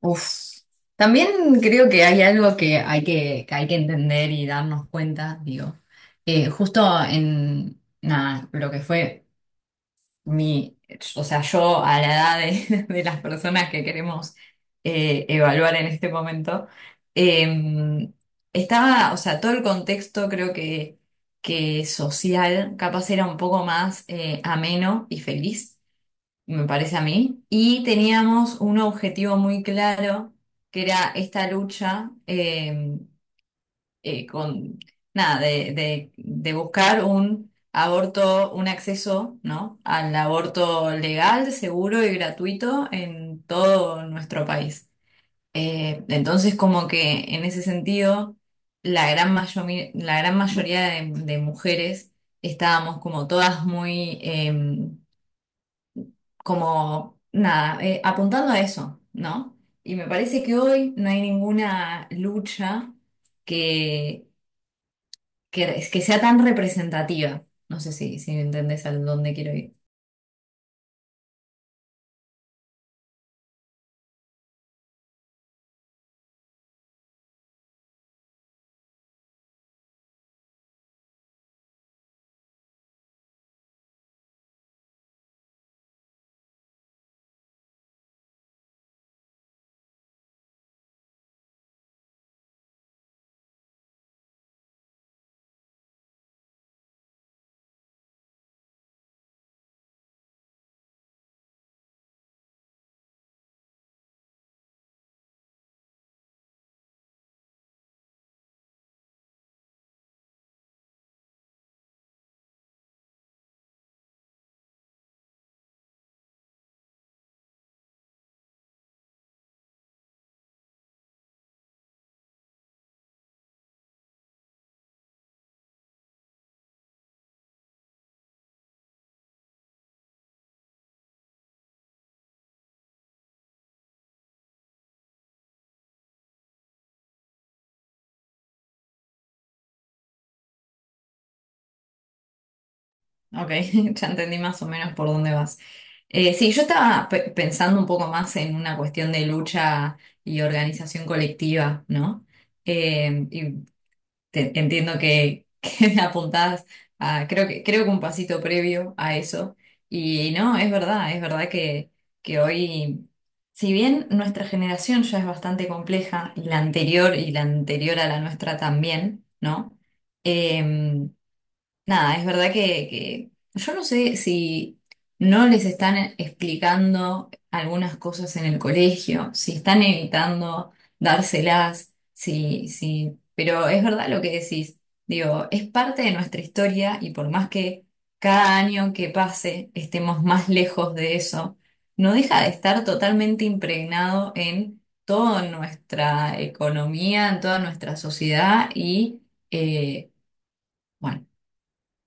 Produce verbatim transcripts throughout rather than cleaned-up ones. Uf. También creo que hay algo que hay que, que hay que entender y darnos cuenta, digo. Eh, justo en nada, lo que fue mi, o sea, yo a la edad de, de las personas que queremos eh, evaluar en este momento, eh, estaba, o sea, todo el contexto creo que, que social capaz era un poco más eh, ameno y feliz me parece a mí. Y teníamos un objetivo muy claro, que era esta lucha eh, eh, con, nada, de, de- de buscar un aborto, un acceso, ¿no? Al aborto legal, seguro y gratuito en todo nuestro país. Eh, entonces, como que en ese sentido, la gran mayomi- la gran mayoría de, de mujeres estábamos como todas muy... em, como nada, eh, apuntando a eso, ¿no? Y me parece que hoy no hay ninguna lucha que, que, que sea tan representativa. No sé si, si entendés a dónde quiero ir. Ok, ya entendí más o menos por dónde vas. Eh, sí, yo estaba pe- pensando un poco más en una cuestión de lucha y organización colectiva, ¿no? Eh, te- Entiendo que, que apuntás a, creo que, creo que un pasito previo a eso. Y no, es verdad, es verdad que, que hoy, si bien nuestra generación ya es bastante compleja, y la anterior y la anterior a la nuestra también, ¿no? Em, Nada, es verdad que, que yo no sé si no les están e, explicando algunas cosas en el colegio, si están evitando dárselas, si, si, pero es verdad lo que decís. Digo, es parte de nuestra historia y por más que cada año que pase estemos más lejos de eso, no deja de estar totalmente impregnado en toda nuestra economía, en toda nuestra sociedad y, eh, bueno.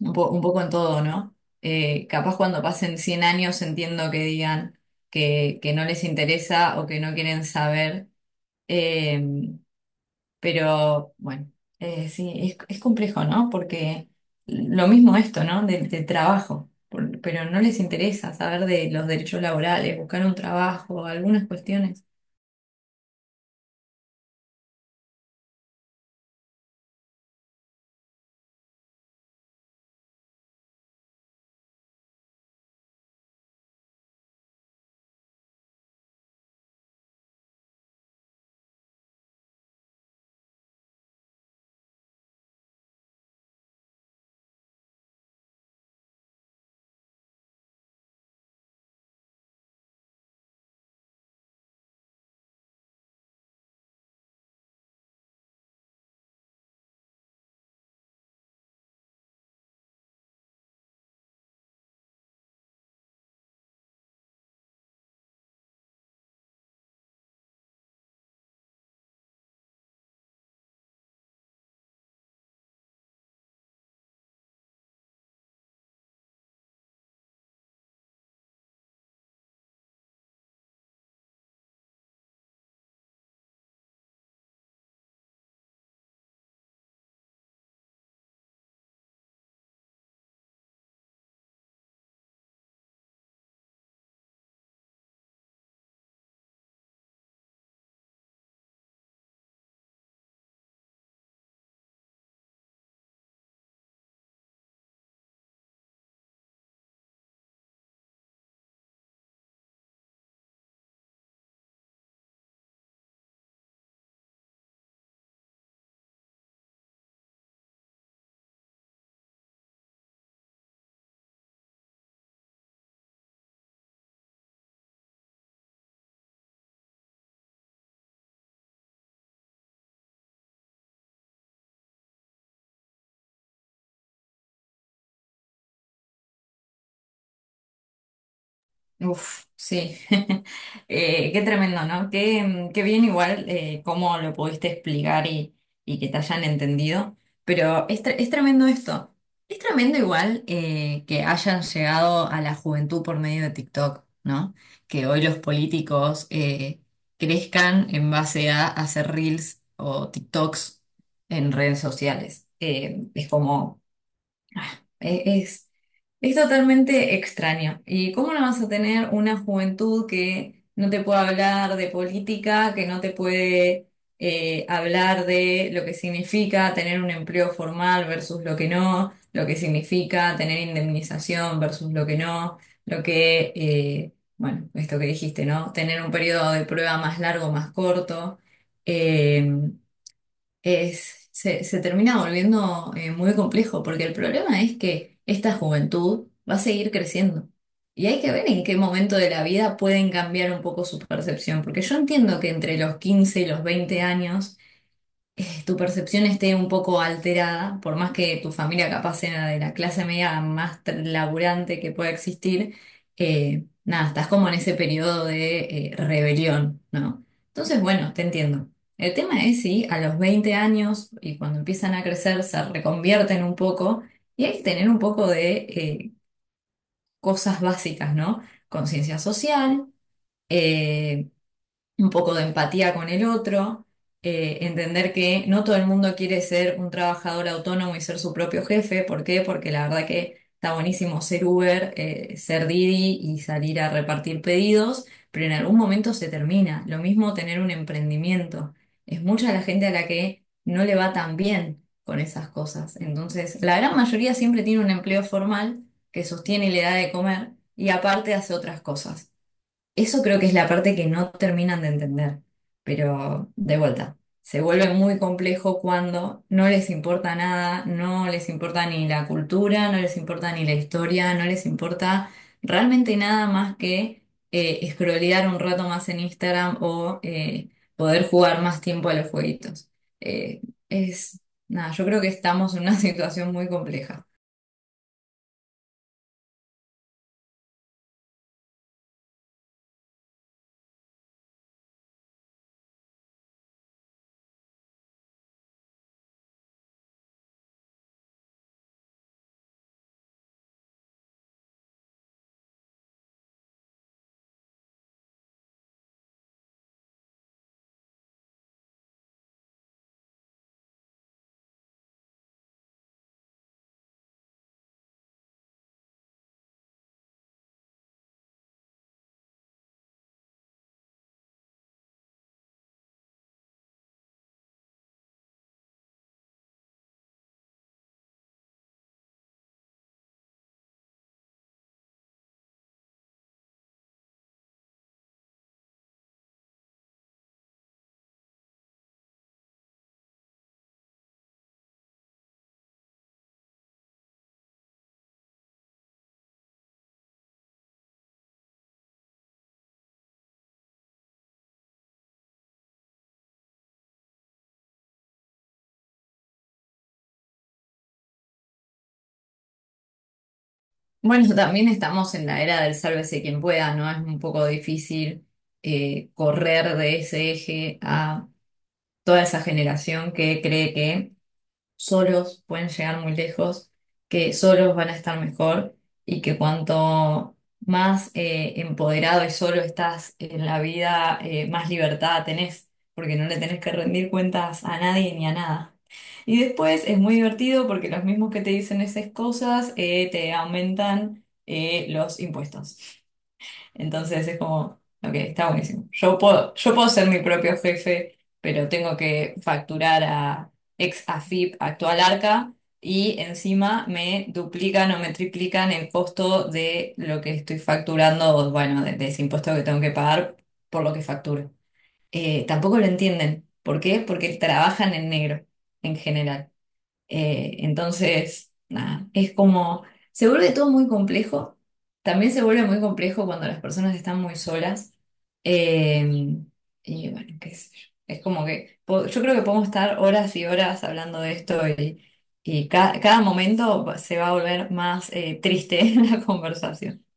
Un po- un poco en todo, ¿no? Eh, capaz cuando pasen cien años entiendo que digan que, que no les interesa o que no quieren saber, eh, pero bueno, eh, sí, es, es complejo, ¿no? Porque lo mismo esto, ¿no? Del, del trabajo, por- pero no les interesa saber de los derechos laborales, buscar un trabajo, algunas cuestiones. Uf, sí. Eh, qué tremendo, ¿no? Qué, mm, qué bien igual eh, cómo lo pudiste explicar y, y que te hayan entendido. Pero es, tre- es tremendo esto. Es tremendo igual eh, que hayan llegado a la juventud por medio de TikTok, ¿no? Que hoy los políticos eh, crezcan en base a hacer reels o TikToks en redes sociales. Eh, es como... E- Es, es totalmente extraño. ¿Y cómo no vas a tener una juventud que no te puede hablar de política, que no te puede eh, hablar de lo que significa tener un empleo formal versus lo que no, lo que significa tener indemnización versus lo que no, lo que, eh, bueno, esto que dijiste, ¿no? Tener un periodo de prueba más largo, más corto. eh, es, se, Se termina volviendo eh, muy complejo, porque el problema es que esta juventud va a seguir creciendo. Y hay que ver en qué momento de la vida pueden cambiar un poco su percepción, porque yo entiendo que entre los quince y los veinte años eh, tu percepción esté un poco alterada, por más que tu familia capaz sea de la clase media más tra- laburante que pueda existir, eh, nada, estás como en ese periodo de eh, rebelión, ¿no? Entonces, bueno, te entiendo. El tema es si a los veinte años y cuando empiezan a crecer se reconvierten un poco y hay que tener un poco de eh, cosas básicas, ¿no? Conciencia social. eh, un poco de empatía con el otro, eh, entender que no todo el mundo quiere ser un trabajador autónomo y ser su propio jefe. ¿Por qué? Porque la verdad que está buenísimo ser Uber, eh, ser Didi y salir a repartir pedidos, pero en algún momento se termina. Lo mismo tener un emprendimiento. Es mucha la gente a la que no le va tan bien con esas cosas. Entonces, la gran mayoría siempre tiene un empleo formal que sostiene y le da de comer y aparte hace otras cosas. Eso creo que es la parte que no terminan de entender, pero de vuelta, se vuelve muy complejo cuando no les importa nada, no les importa ni la cultura, no les importa ni la historia, no les importa realmente nada más que eh, scrollear un rato más en Instagram o eh, poder jugar más tiempo a los jueguitos. Eh, es, nada, yo creo que estamos en una situación muy compleja. Bueno, también estamos en la era del sálvese quien pueda, ¿no? Es un poco difícil eh, correr de ese eje a toda esa generación que cree que solos pueden llegar muy lejos, que solos van a estar mejor y que cuanto más eh, empoderado y solo estás en la vida, eh, más libertad tenés, porque no le tenés que rendir cuentas a nadie ni a nada. Y después es muy divertido porque los mismos que te dicen esas cosas eh, te aumentan eh, los impuestos. Entonces es como, ok, está buenísimo. Yo puedo, yo puedo ser mi propio jefe, pero tengo que facturar a ex A F I P, actual Arca, y encima me duplican o me triplican el costo de lo que estoy facturando, o, bueno, de, de ese impuesto que tengo que pagar por lo que facturo. Eh, tampoco lo entienden. ¿Por qué? Porque trabajan en negro en general. Eh, entonces, nada, es como, se vuelve todo muy complejo. También se vuelve muy complejo cuando las personas están muy solas. Eh, y bueno, qué sé yo. Es como que po- yo creo que podemos estar horas y horas hablando de esto y, y ca- cada momento se va a volver más eh, triste la conversación.